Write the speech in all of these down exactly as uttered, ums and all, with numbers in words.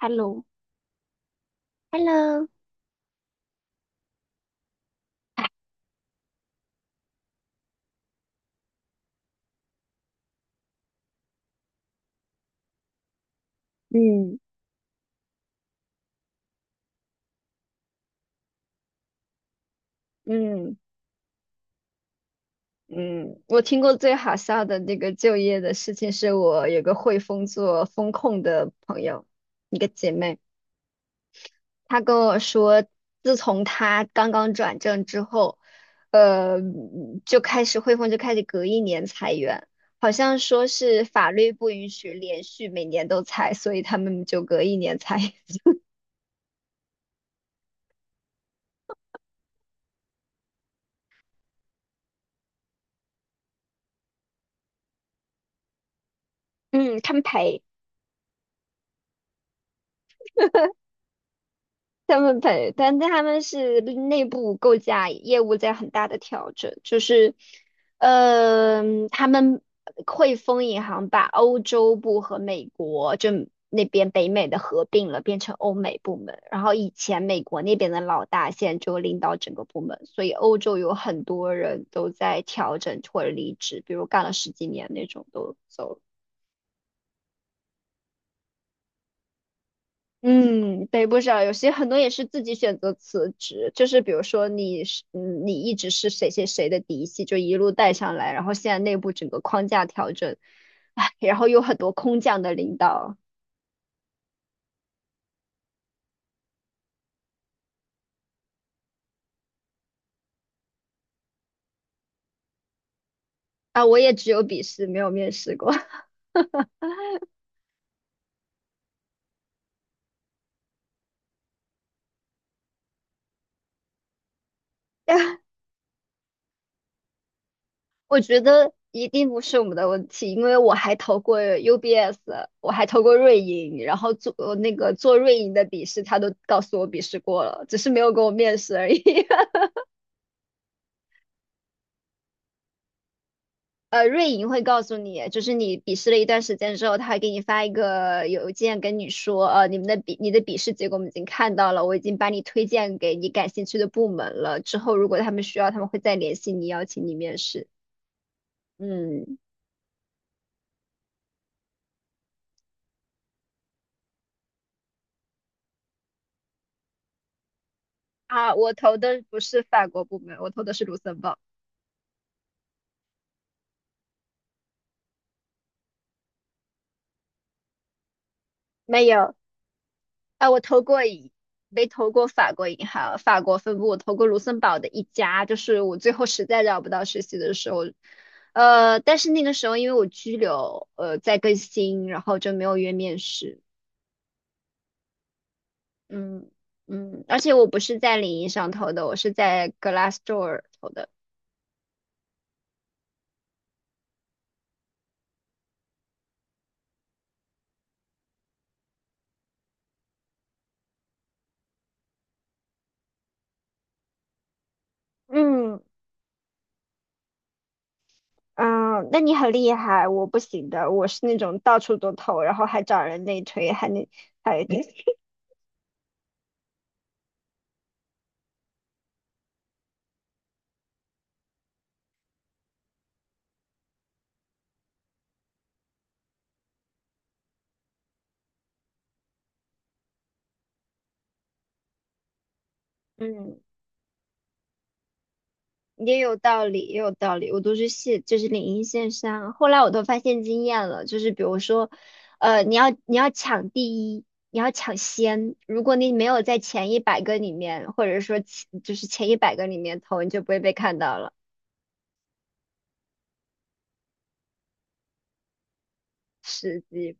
Hello，Hello，嗯嗯嗯。我听过最好笑的那个就业的事情，是我有个汇丰做风控的朋友，一个姐妹。她跟我说，自从她刚刚转正之后，呃，就开始汇丰就开始隔一年裁员，好像说是法律不允许连续每年都裁，所以他们就隔一年裁。嗯，他们赔。他们配，但他们是内部构架业务在很大的调整，就是，嗯，他们汇丰银行把欧洲部和美国就那边北美的合并了，变成欧美部门。然后以前美国那边的老大现在就领导整个部门，所以欧洲有很多人都在调整或者离职，比如干了十几年那种都走了。嗯，对，不少，有些很多也是自己选择辞职，就是比如说你是，嗯，你一直是谁谁谁的嫡系，就一路带上来，然后现在内部整个框架调整，唉，然后有很多空降的领导。啊，我也只有笔试，没有面试过，但我觉得一定不是我们的问题，因为我还投过 U B S，我还投过瑞银，然后做呃那个做瑞银的笔试，他都告诉我笔试过了，只是没有给我面试而已。呃，瑞银会告诉你，就是你笔试了一段时间之后，他会给你发一个邮件跟你说，呃，你们的笔你的笔试结果我们已经看到了，我已经把你推荐给你感兴趣的部门了。之后如果他们需要，他们会再联系你，邀请你面试。嗯。啊，我投的不是法国部门，我投的是卢森堡。没有。啊，我投过一没投过法国银行法国分部，我投过卢森堡的一家，就是我最后实在找不到实习的时候，呃，但是那个时候因为我居留，呃，在更新，然后就没有约面试。嗯嗯。而且我不是在领英上投的，我是在 Glassdoor 投的。嗯嗯，那你很厉害，我不行的，我是那种到处都投，然后还找人内推，还那还 嗯，也有道理，也有道理。我都是线，就是领英线上，后来我都发现经验了，就是比如说，呃，你要你要抢第一，你要抢先。如果你没有在前一百个里面，或者说前就是前一百个里面投，你就不会被看到了。实际，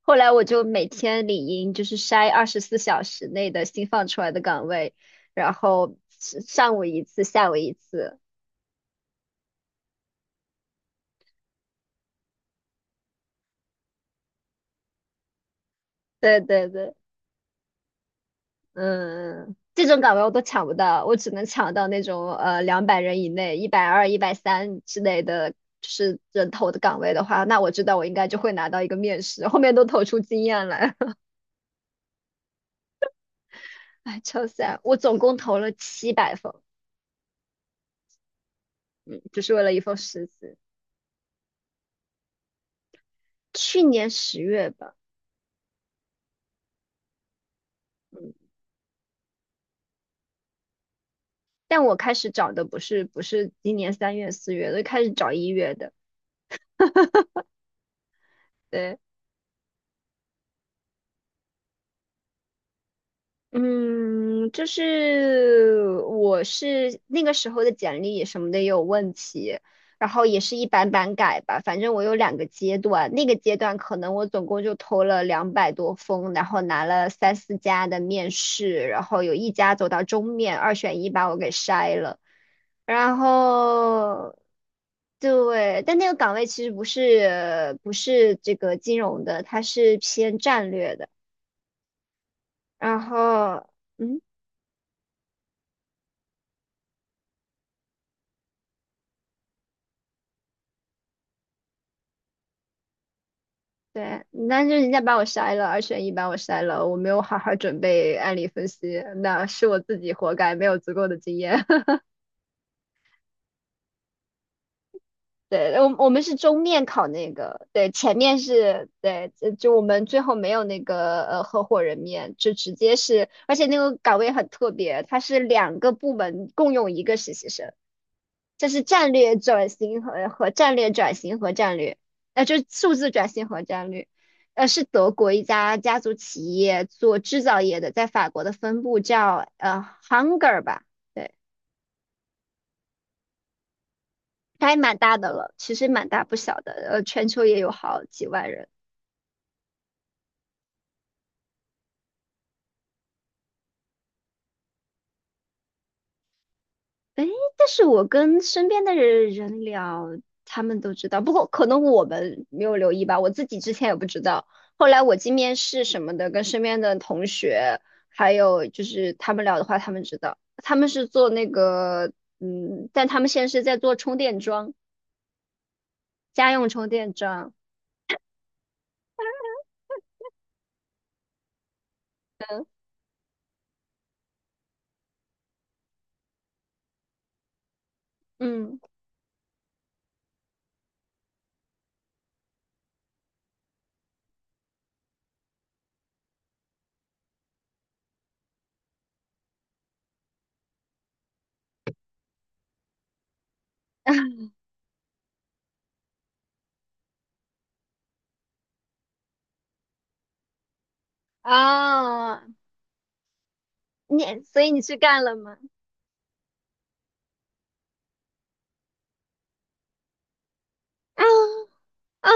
后来我就每天领英，就是筛二十四小时内的新放出来的岗位，然后上午一次，下午一次。对对对。嗯，这种岗位我都抢不到，我只能抢到那种呃两百人以内、一百二、一百三之类的，就是人头的岗位的话，那我知道我应该就会拿到一个面试，后面都投出经验来。哎，超 s a 我总共投了七百封。嗯，就是为了一封实习，去年十月吧。嗯，但我开始找的不是不是今年三月四月的，开始找一月的。对。嗯，就是我是那个时候的简历什么的也有问题，然后也是一版版改吧。反正我有两个阶段，那个阶段可能我总共就投了两百多封，然后拿了三四家的面试，然后有一家走到终面，二选一把我给筛了。然后，对，但那个岗位其实不是不是这个金融的，它是偏战略的。然后。嗯，对，但是人家把我筛了，二选一把我筛了，我没有好好准备案例分析，那是我自己活该，没有足够的经验。对，我我们是终面考那个，对，前面是对，就就我们最后没有那个呃合伙人面，就直接是，而且那个岗位很特别，它是两个部门共用一个实习生。这是战略转型和和战略转型和战略。呃，就是数字转型和战略。呃，是德国一家家族企业做制造业的，在法国的分部叫呃 Hunger 吧。对，它还蛮大的了，其实蛮大不小的，呃，全球也有好几万人。哎，但是我跟身边的人聊，他们都知道，不过可能我们没有留意吧，我自己之前也不知道。后来我进面试什么的，跟身边的同学，还有就是他们聊的话，他们知道，他们是做那个，嗯，但他们现在是在做充电桩，家用充电桩。嗯，啊，你，所以你去干了吗？啊啊，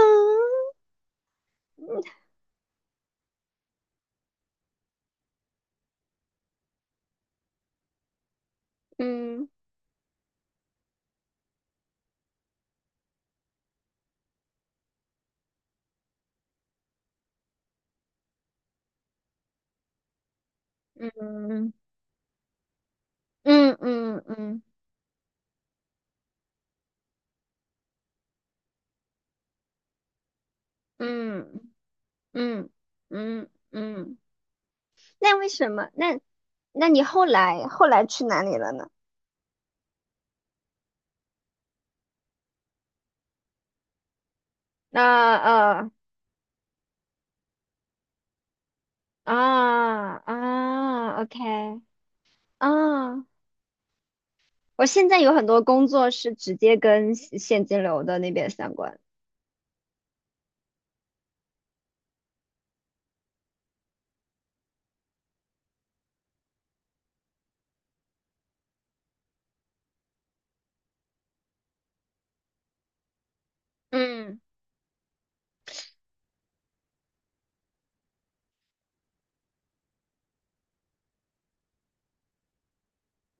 嗯嗯嗯嗯嗯嗯嗯。嗯嗯嗯嗯嗯，那为什么？那那你后来后来去哪里了呢？啊呃啊啊，OK 啊，我现在有很多工作是直接跟现现金流的那边相关。嗯，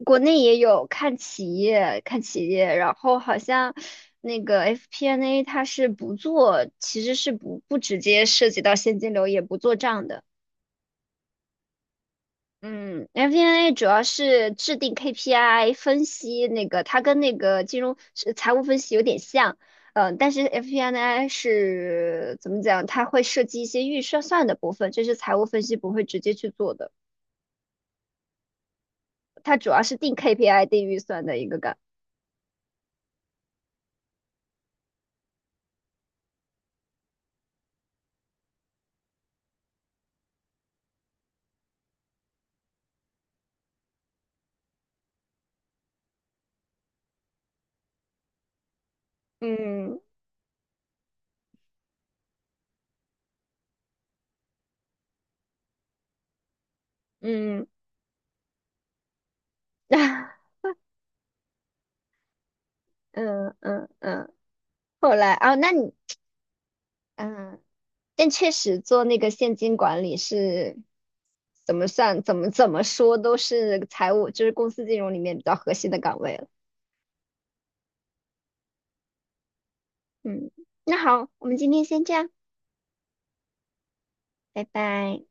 国内也有看企业，看企业，然后好像那个 F P and A n 它是不做，其实是不不直接涉及到现金流，也不做账的。嗯，F P and A 主要是制定 K P I，分析那个它跟那个金融是财务分析有点像。嗯、但是 F P and A 是怎么讲？它会涉及一些预算算的部分，这是财务分析不会直接去做的。它主要是定 K P I、定预算的一个岗。嗯嗯 嗯嗯嗯，后来啊、那你嗯。但确实做那个现金管理是怎么算、怎么怎么说都是财务，就是公司金融里面比较核心的岗位了。嗯，那好，我们今天先这样，拜拜。